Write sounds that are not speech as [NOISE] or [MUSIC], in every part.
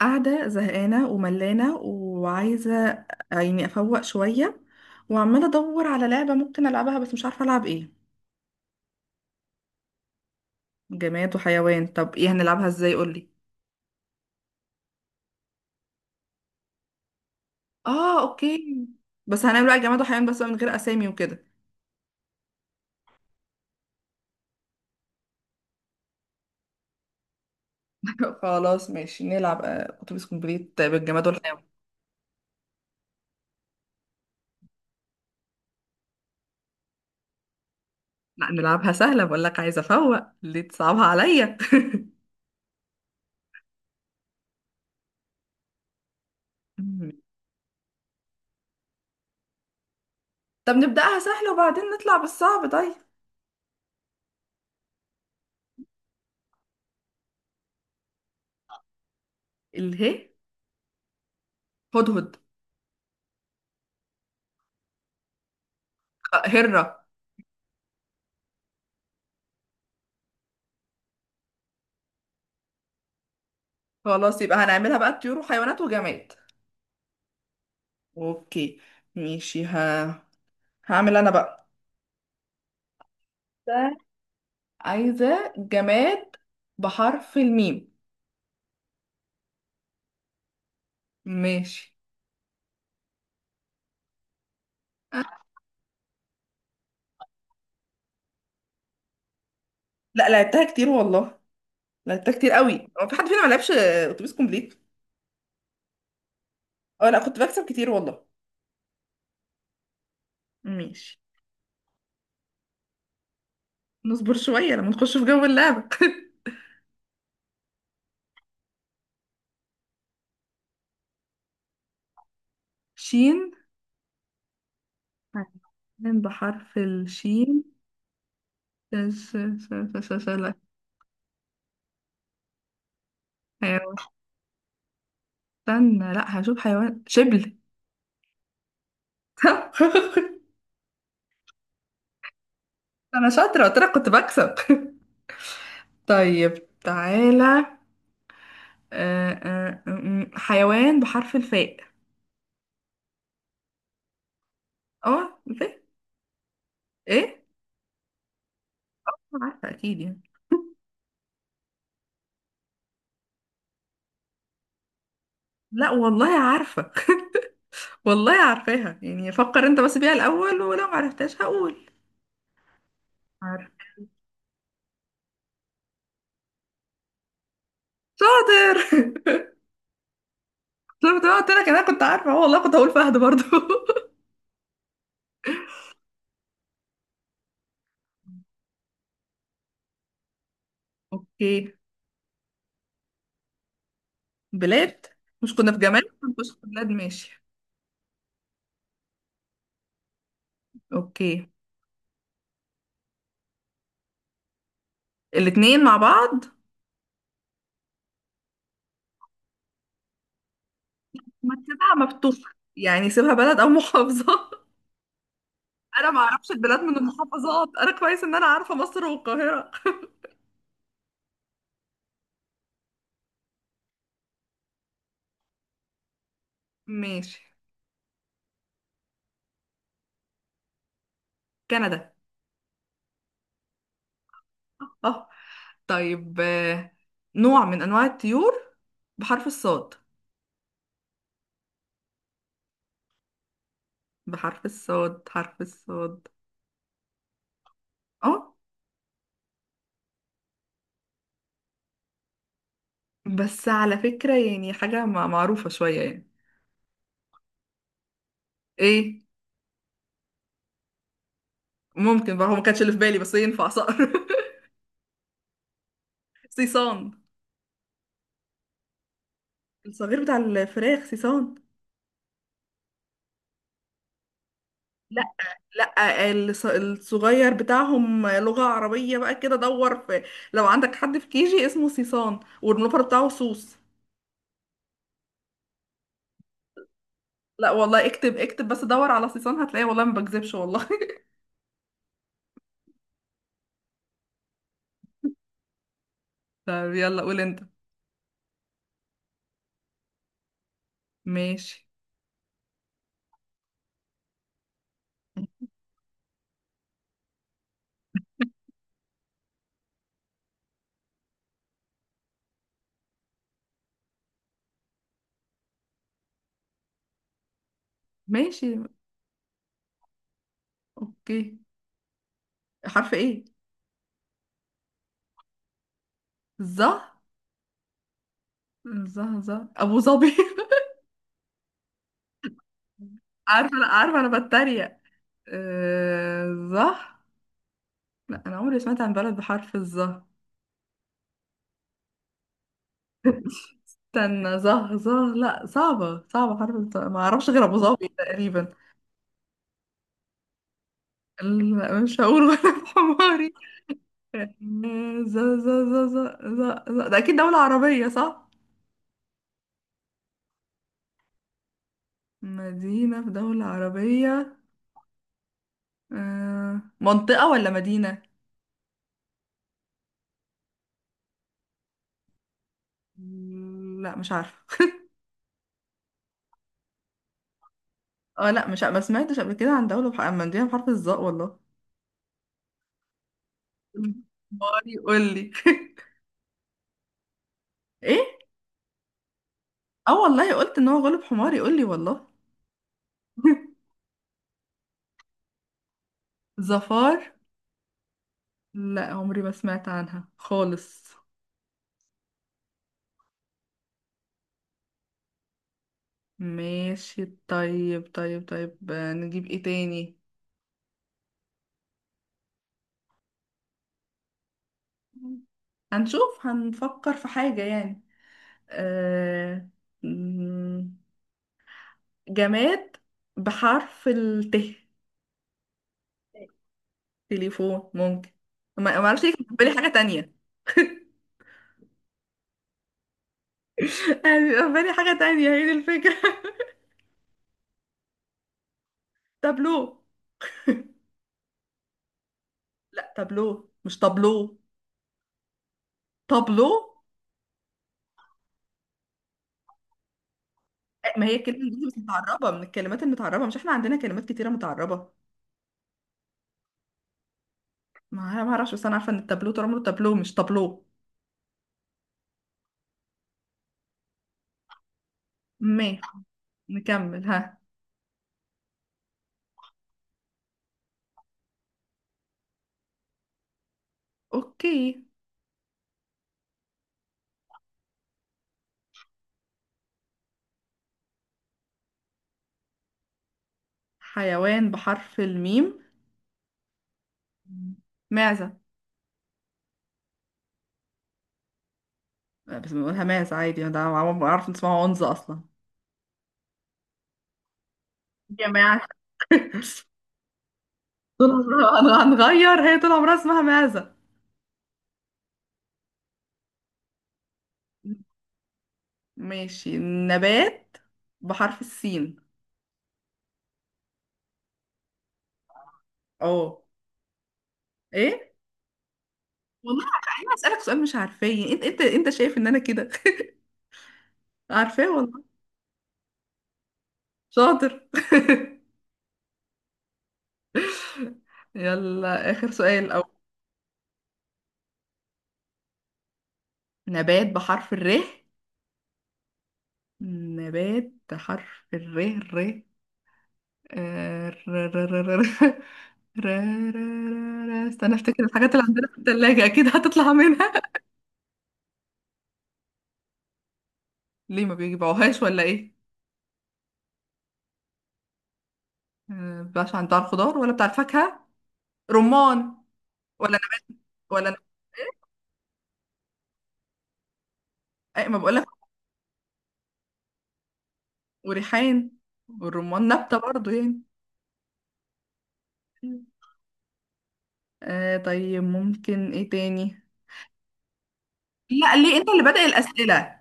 قاعدة زهقانة وملانة وعايزة يعني أفوق شوية، وعمالة أدور على لعبة ممكن ألعبها، بس مش عارفة ألعب إيه. جماد وحيوان، طب إيه هنلعبها إزاي؟ قولي. آه أوكي. بس هنعمل بقى جماد وحيوان بس من غير أسامي وكده. [LAUGHS] خلاص ماشي نلعب أتوبيس كومبليت بالجماد والحيوان. لا نلعبها سهلة، بقول لك عايزة أفوق، ليه تصعبها عليا؟ [LAUGHS] طب نبدأها سهلة وبعدين نطلع بالصعب، طيب. الهي. هدهد. هرة. خلاص يبقى هنعملها بقى طيور وحيوانات وجماد. اوكي. ماشي هعمل انا بقى. ده عايزة جماد بحرف الميم. ماشي. لا لعبتها كتير والله، لعبتها كتير قوي. هو في حد فينا ما لعبش اتوبيس كومبليت؟ اه لا، كنت بكسب كتير والله. ماشي. نصبر شوية لما نخش في جو اللعبة. [LAUGHS] شين. حيوان بحرف الشين. ش... ش... ش... لا. حيوان، استنى، لا هشوف. حيوان شبل. [LAUGHS] انا شاطرة، قلت لك كنت بكسب. [LAUGHS] طيب، تعالى. حيوان بحرف الفاء. اه الفاء. ايه؟ عارفة اكيد يعني. [LAUGHS] لا والله عارفة. [LAUGHS] والله عارفاها يعني، فكر انت بس بيها الاول، ولو معرفتهاش هقول. عارف. شاطر. [LAUGHS] شفت بقى، قلت لك انا كنت عارفة، اه والله كنت هقول فهد برضو. [LAUGHS] اوكي. بلاد، مش كنا في جمال؟ مش في بلاد ماشي. اوكي. الاتنين مع بعض. ما تسيبها مفتوحة يعني، سيبها بلد او [LAUGHS] محافظة. انا ما اعرفش البلاد من المحافظات، انا كويس ان انا عارفه مصر والقاهره. ماشي. كندا. اه. طيب نوع من انواع الطيور بحرف الصاد. حرف الصاد. اه. بس على فكره يعني حاجه معروفه شويه يعني. ايه. ممكن بقى، هو ما كانش اللي في بالي، بس ينفع صقر. [LAUGHS] صيصان. الصغير بتاع الفراخ صيصان. لا الصغير بتاعهم، لغة عربية بقى كده دور. في لو عندك حد في كيجي اسمه سيسان والملوفر بتاعه سوس. لا والله، اكتب اكتب بس دور على سيسان هتلاقيه، والله ما بكذبش والله. [LAUGHS] طب يلا قول انت. ماشي ماشي. اوكي. حرف ايه؟ ظه ظه، ابو ظبي. [LAUGHS] عارفة، لا عارفة، انا بتريق. آه، ظه. لا انا عمري سمعت عن بلد بحرف الظه. [LAUGHS] استنى، زه زه لا صعبة صعبة، ما اعرفش غير ابو ظبي تقريبا. لا، مش هقول غير [LAUGHS] بحماري. ز ز ز ز ز ز، ده اكيد دولة عربية، صح؟ مدينة في دولة عربية. منطقة ولا مدينة؟ لا مش عارفة. [LAUGHS] اه لا مش ع- ما سمعتش قبل كده عن دولة عن مدينة بحرف الظاء، والله. حماري قول لي. [LAUGHS] ايه؟ اه والله، قلت ان هو غلب حماري، قول لي والله. [LAUGHS] ظفار. لا عمري ما سمعت عنها خالص. ماشي، طيب طيب طيب، نجيب ايه تاني. هنشوف هنفكر في حاجة يعني. أه... مم، جماد بحرف الت. تليفون ممكن. ما اعرفش ليه كان في بالي حاجة تانية. [LAUGHS] انا بيبقى في بالي حاجة تانية، هي دي الفكرة. [LAUGHS] تابلو. لا تابلو مش تابلو. تابلو. ما هي كلمة انجليزي بس متعربة، من الكلمات المتعربة، مش احنا عندنا كلمات كتيرة متعربة. ما أنا ما اعرفش، بس انا عارفه ان التابلو طول عمره تابلو مش طابلو. ما، نكمل ها. اوكي. حيوان بحرف الميم. معزه. بس بنقولها معزه عادي، ده عارف ان اسمها عنزه اصلا. يا جماعه. [LAUGHS] طول عمرها هنغير، هي طول عمرها اسمها معزه. ماشي، نبات بحرف السين. اه. ايه. والله. انا اسالك سؤال مش عارفاه، انت شايف ان انا كده. [LAUGHS] عارفاه والله. شاطر. [LAUGHS] يلا آخر سؤال. نبات بحرف الر. نبات بحرف الر. آه، ر ر ر ر ر ر استنى افتكر الحاجات اللي عندنا في التلاجة، اكيد هتطلع منها. [LAUGHS] ليه ما بيجيبوهاش ولا ايه؟ مبقاش عن بتاع الخضار ولا بتاع الفاكهة. رمان. ولا نبات؟ ولا نبات. أي، ما بقولك. وريحان. والرمان نبتة برضو يعني. آه طيب، ممكن ايه تاني. لا ليه، انت اللي بادئ الأسئلة.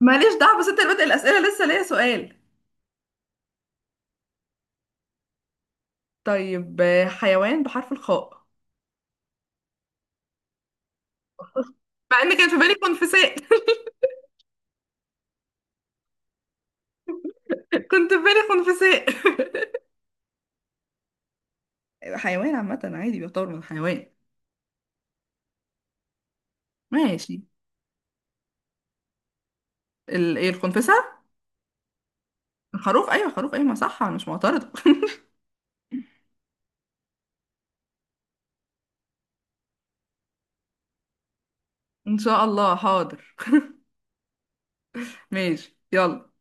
ماليش دعوة، بس انت اللي بادئ الأسئلة، لسه ليا سؤال. طيب حيوان بحرف الخاء. مع ان كان في بالي خنفساء. [LAUGHS] كنت في بالي خنفساء. [LAUGHS] حيوان عامة عادي، بيعتبر من حيوان. ماشي. ايه الخنفسة؟ الخروف، ايوه خروف، ايوه ما صح، انا مش معترضة. [LAUGHS] ان شاء الله حاضر. [LAUGHS] ماشي يلا.